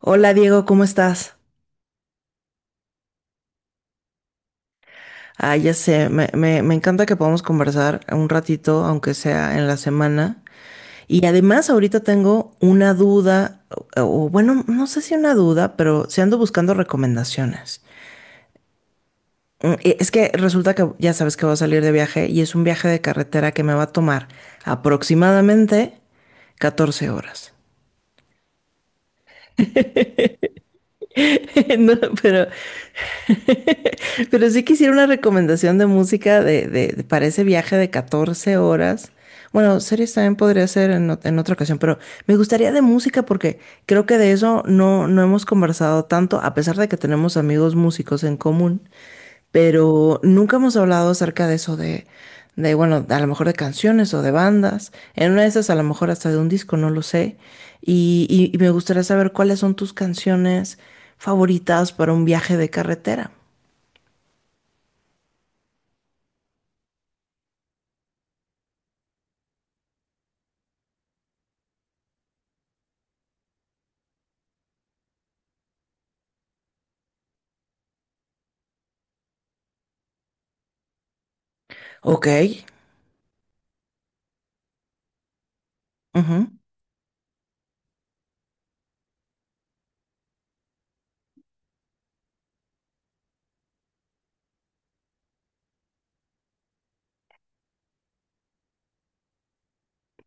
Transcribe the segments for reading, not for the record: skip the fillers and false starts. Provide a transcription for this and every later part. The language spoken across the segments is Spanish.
Hola Diego, ¿cómo estás? Ah, ya sé, me encanta que podamos conversar un ratito, aunque sea en la semana. Y además ahorita tengo una duda, o bueno, no sé si una duda, pero sí ando buscando recomendaciones. Es que resulta que ya sabes que voy a salir de viaje y es un viaje de carretera que me va a tomar aproximadamente 14 horas. No, pero Pero sí quisiera una recomendación de música de para ese viaje de 14 horas. Bueno, series también podría ser en otra ocasión, pero me gustaría de música porque creo que de eso no hemos conversado tanto, a pesar de que tenemos amigos músicos en común, pero nunca hemos hablado acerca de eso de, bueno, a lo mejor de canciones o de bandas. En una de esas a lo mejor hasta de un disco, no lo sé. Y me gustaría saber cuáles son tus canciones favoritas para un viaje de carretera. Ok. Ujú.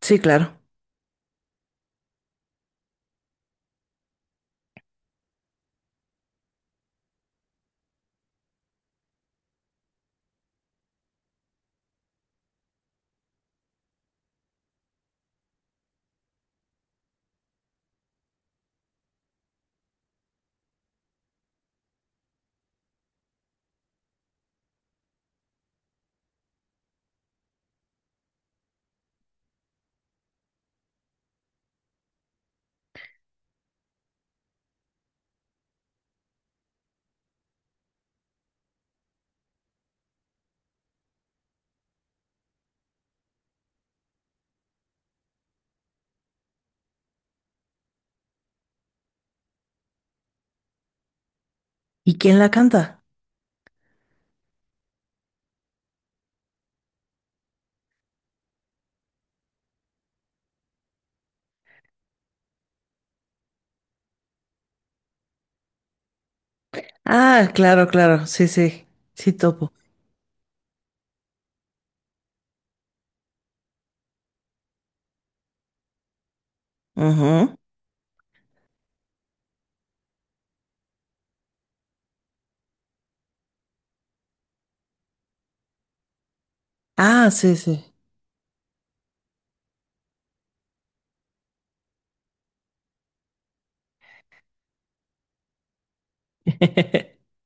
Sí, claro. ¿Y quién la canta? Ah, claro, claro. Sí, sí. Sí, topo. Ujú. Ah, sí, sí.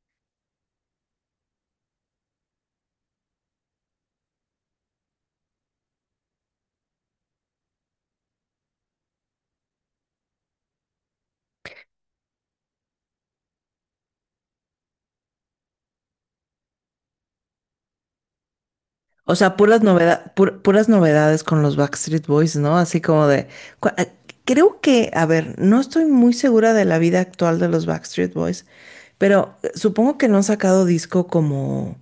O sea, puras novedades con los Backstreet Boys, ¿no? Así como de. cu- ah, Creo que, a ver, no estoy muy segura de la vida actual de los Backstreet Boys, pero supongo que no han sacado disco como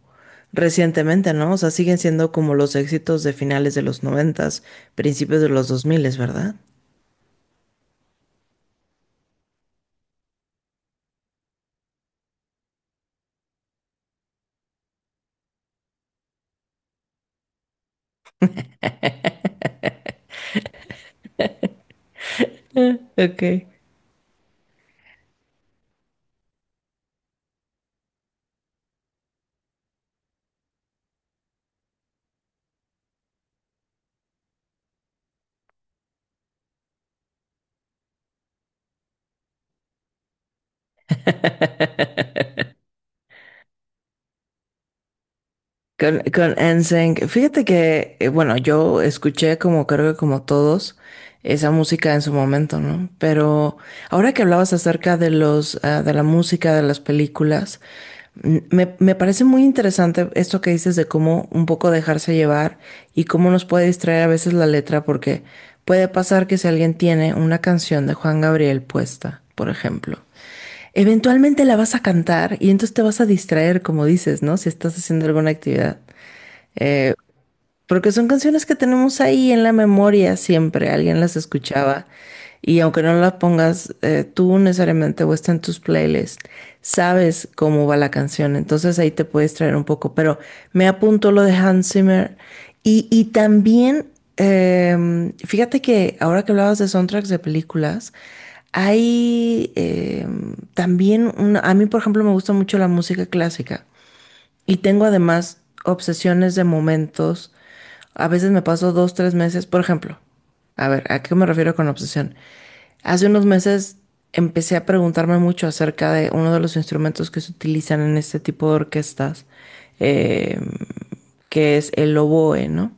recientemente, ¿no? O sea, siguen siendo como los éxitos de finales de los noventas, principios de los dos miles, ¿verdad? Ok. Con NSYNC, fíjate que, bueno, yo escuché como creo que como todos esa música en su momento, ¿no? Pero ahora que hablabas acerca de de la música, de las películas, me parece muy interesante esto que dices de cómo un poco dejarse llevar y cómo nos puede distraer a veces la letra, porque puede pasar que si alguien tiene una canción de Juan Gabriel puesta, por ejemplo, eventualmente la vas a cantar y entonces te vas a distraer, como dices, ¿no? Si estás haciendo alguna actividad. Eh, Porque son canciones que tenemos ahí en la memoria siempre, alguien las escuchaba y aunque no las pongas tú necesariamente o está en tus playlists, sabes cómo va la canción, entonces ahí te puedes traer un poco, pero me apunto lo de Hans Zimmer y también, fíjate que ahora que hablabas de soundtracks de películas, hay también, a mí por ejemplo me gusta mucho la música clásica. Y tengo además obsesiones de momentos. A veces me paso dos, tres meses, por ejemplo. A ver, ¿a qué me refiero con obsesión? Hace unos meses empecé a preguntarme mucho acerca de uno de los instrumentos que se utilizan en este tipo de orquestas, eh, que es el oboe, ¿no?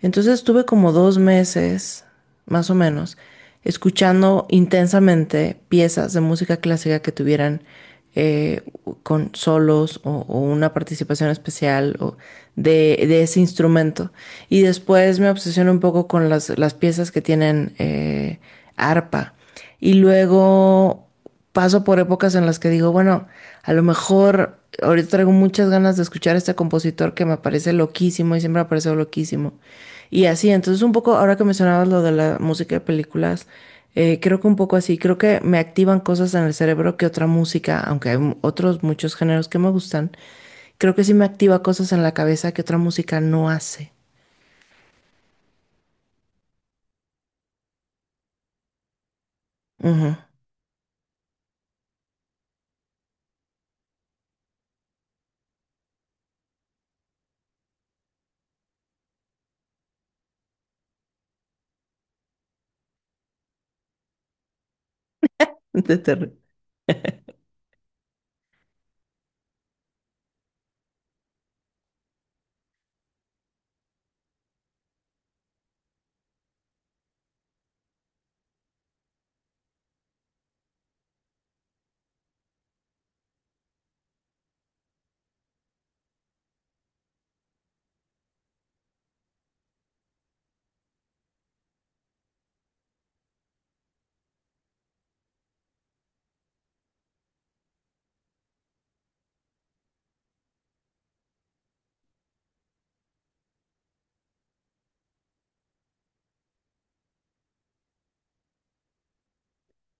Entonces estuve como dos meses, más o menos, escuchando intensamente piezas de música clásica que tuvieran eh, con solos o, una participación especial o de, ese instrumento. Y después me obsesioné un poco con las piezas que tienen arpa. Y luego paso por épocas en las que digo, bueno, a lo mejor ahorita traigo muchas ganas de escuchar a este compositor que me parece loquísimo y siempre me ha parecido loquísimo. Y así, entonces un poco, ahora que mencionabas lo de la música de películas, creo que un poco así, creo que me activan cosas en el cerebro que otra música, aunque hay otros muchos géneros que me gustan, creo que sí me activa cosas en la cabeza que otra música no hace. Ujú. De terror.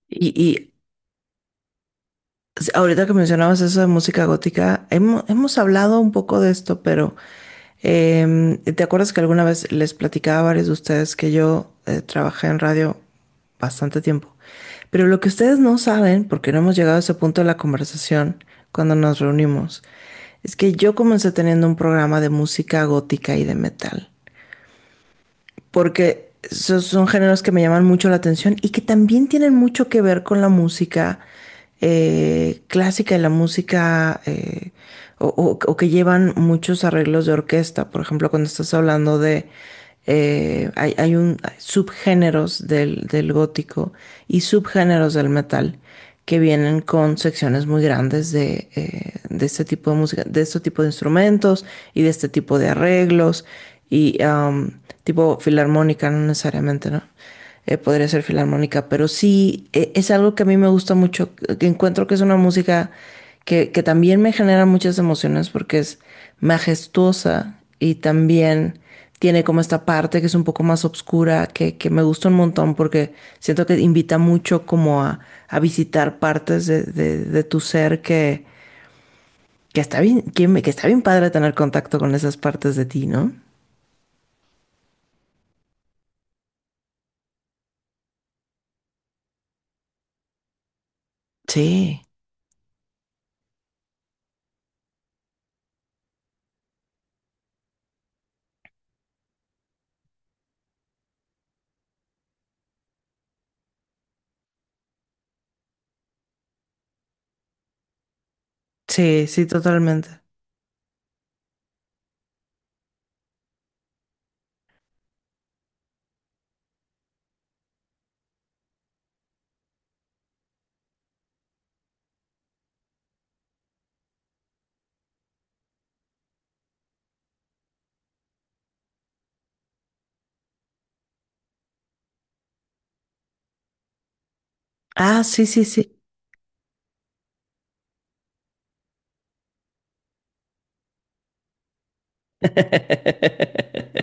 Y, Sí, ahorita que mencionabas eso de música gótica, hemos hablado un poco de esto, pero ¿te acuerdas que alguna vez les platicaba a varios de ustedes que yo trabajé en radio bastante tiempo? Pero lo que ustedes no saben, porque no hemos llegado a ese punto de la conversación cuando nos reunimos, es que yo comencé teniendo un programa de música gótica y de metal porque son géneros que me llaman mucho la atención y que también tienen mucho que ver con la música clásica y la música o que llevan muchos arreglos de orquesta. Por ejemplo, cuando estás hablando de hay subgéneros del gótico y subgéneros del metal que vienen con secciones muy grandes de este tipo de música, de este tipo de instrumentos y de este tipo de arreglos. Y tipo filarmónica, no necesariamente, ¿no? Podría ser filarmónica, pero sí es algo que a mí me gusta mucho, que encuentro que es una música que también me genera muchas emociones porque es majestuosa y también tiene como esta parte que es un poco más oscura, que me gusta un montón porque siento que invita mucho como a visitar partes de tu ser que, está bien, que está bien padre tener contacto con esas partes de ti, ¿no? Sí. Sí, sí, totalmente. Ah, sí, sí, sí.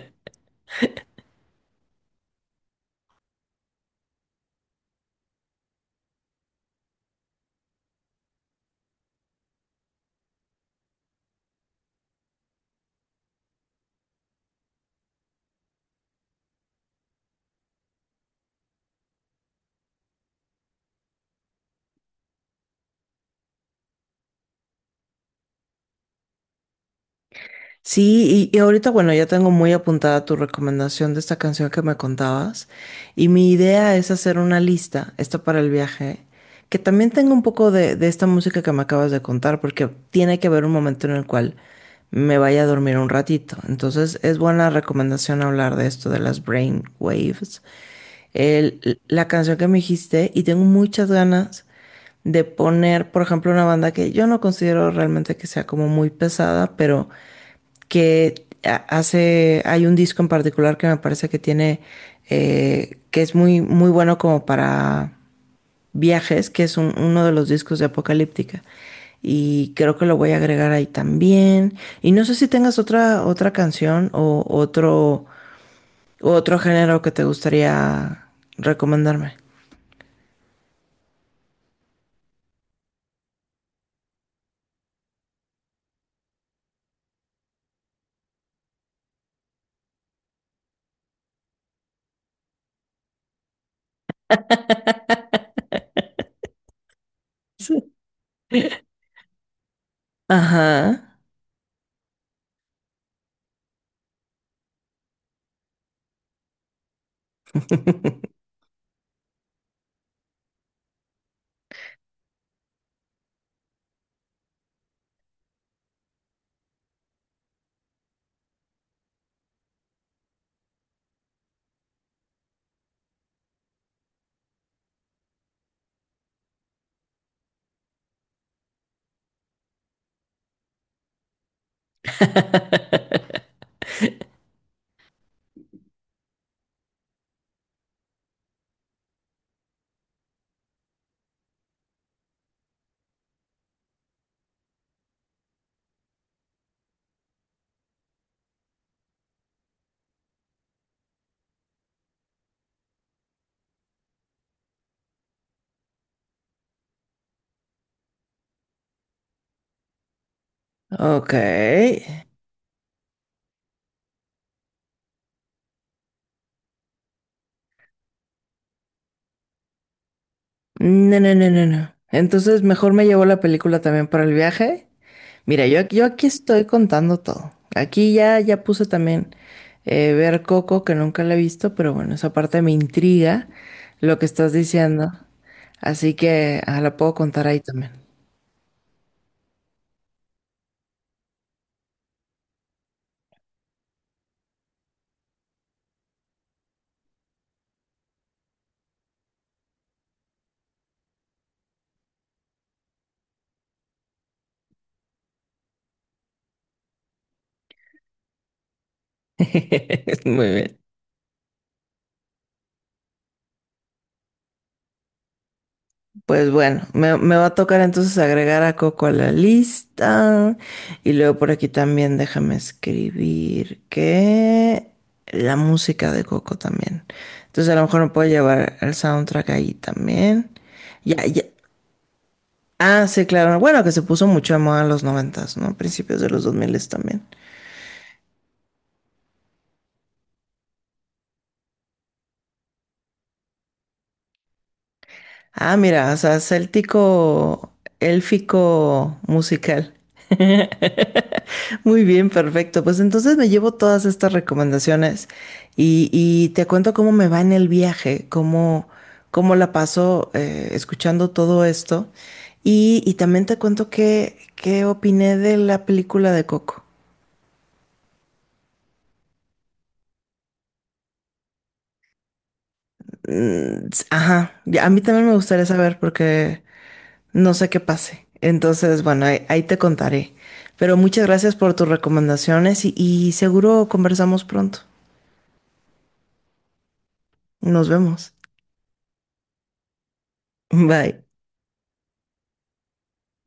Sí, y ahorita, bueno, ya tengo muy apuntada tu recomendación de esta canción que me contabas. Y mi idea es hacer una lista, esta para el viaje, que también tenga un poco de esta música que me acabas de contar, porque tiene que haber un momento en el cual me vaya a dormir un ratito. Entonces, es buena recomendación hablar de esto, de las brain waves. La canción que me dijiste, y tengo muchas ganas de poner, por ejemplo, una banda que yo no considero realmente que sea como muy pesada, pero que hay un disco en particular que me parece que que es muy, muy bueno como para viajes, que es uno de los discos de Apocalíptica. Y creo que lo voy a agregar ahí también. Y no sé si tengas otra canción o otro género que te gustaría recomendarme. Sí. Ajá. Ok. No, no, no, no, no. Entonces, mejor me llevo la película también para el viaje. Mira, yo aquí estoy contando todo. Aquí ya puse también ver Coco, que nunca la he visto, pero bueno, esa parte me intriga lo que estás diciendo. Así que la puedo contar ahí también. Muy bien. Pues bueno, me va a tocar entonces agregar a Coco a la lista. Y luego por aquí también déjame escribir que la música de Coco también. Entonces a lo mejor me puedo llevar el soundtrack ahí también. Ya, ya. Ah, sí, claro. Bueno, que se puso mucho de moda en los noventas, ¿no? Principios de los dos miles también. Ah, mira, o sea, céltico, élfico musical. Muy bien, perfecto. Pues entonces me llevo todas estas recomendaciones y te cuento cómo me va en el viaje, cómo la paso escuchando todo esto. Y también te cuento qué opiné de la película de Coco. Ajá, ya, a mí también me gustaría saber porque no sé qué pase. Entonces, bueno, ahí te contaré. Pero muchas gracias por tus recomendaciones y seguro conversamos pronto. Nos vemos. Bye.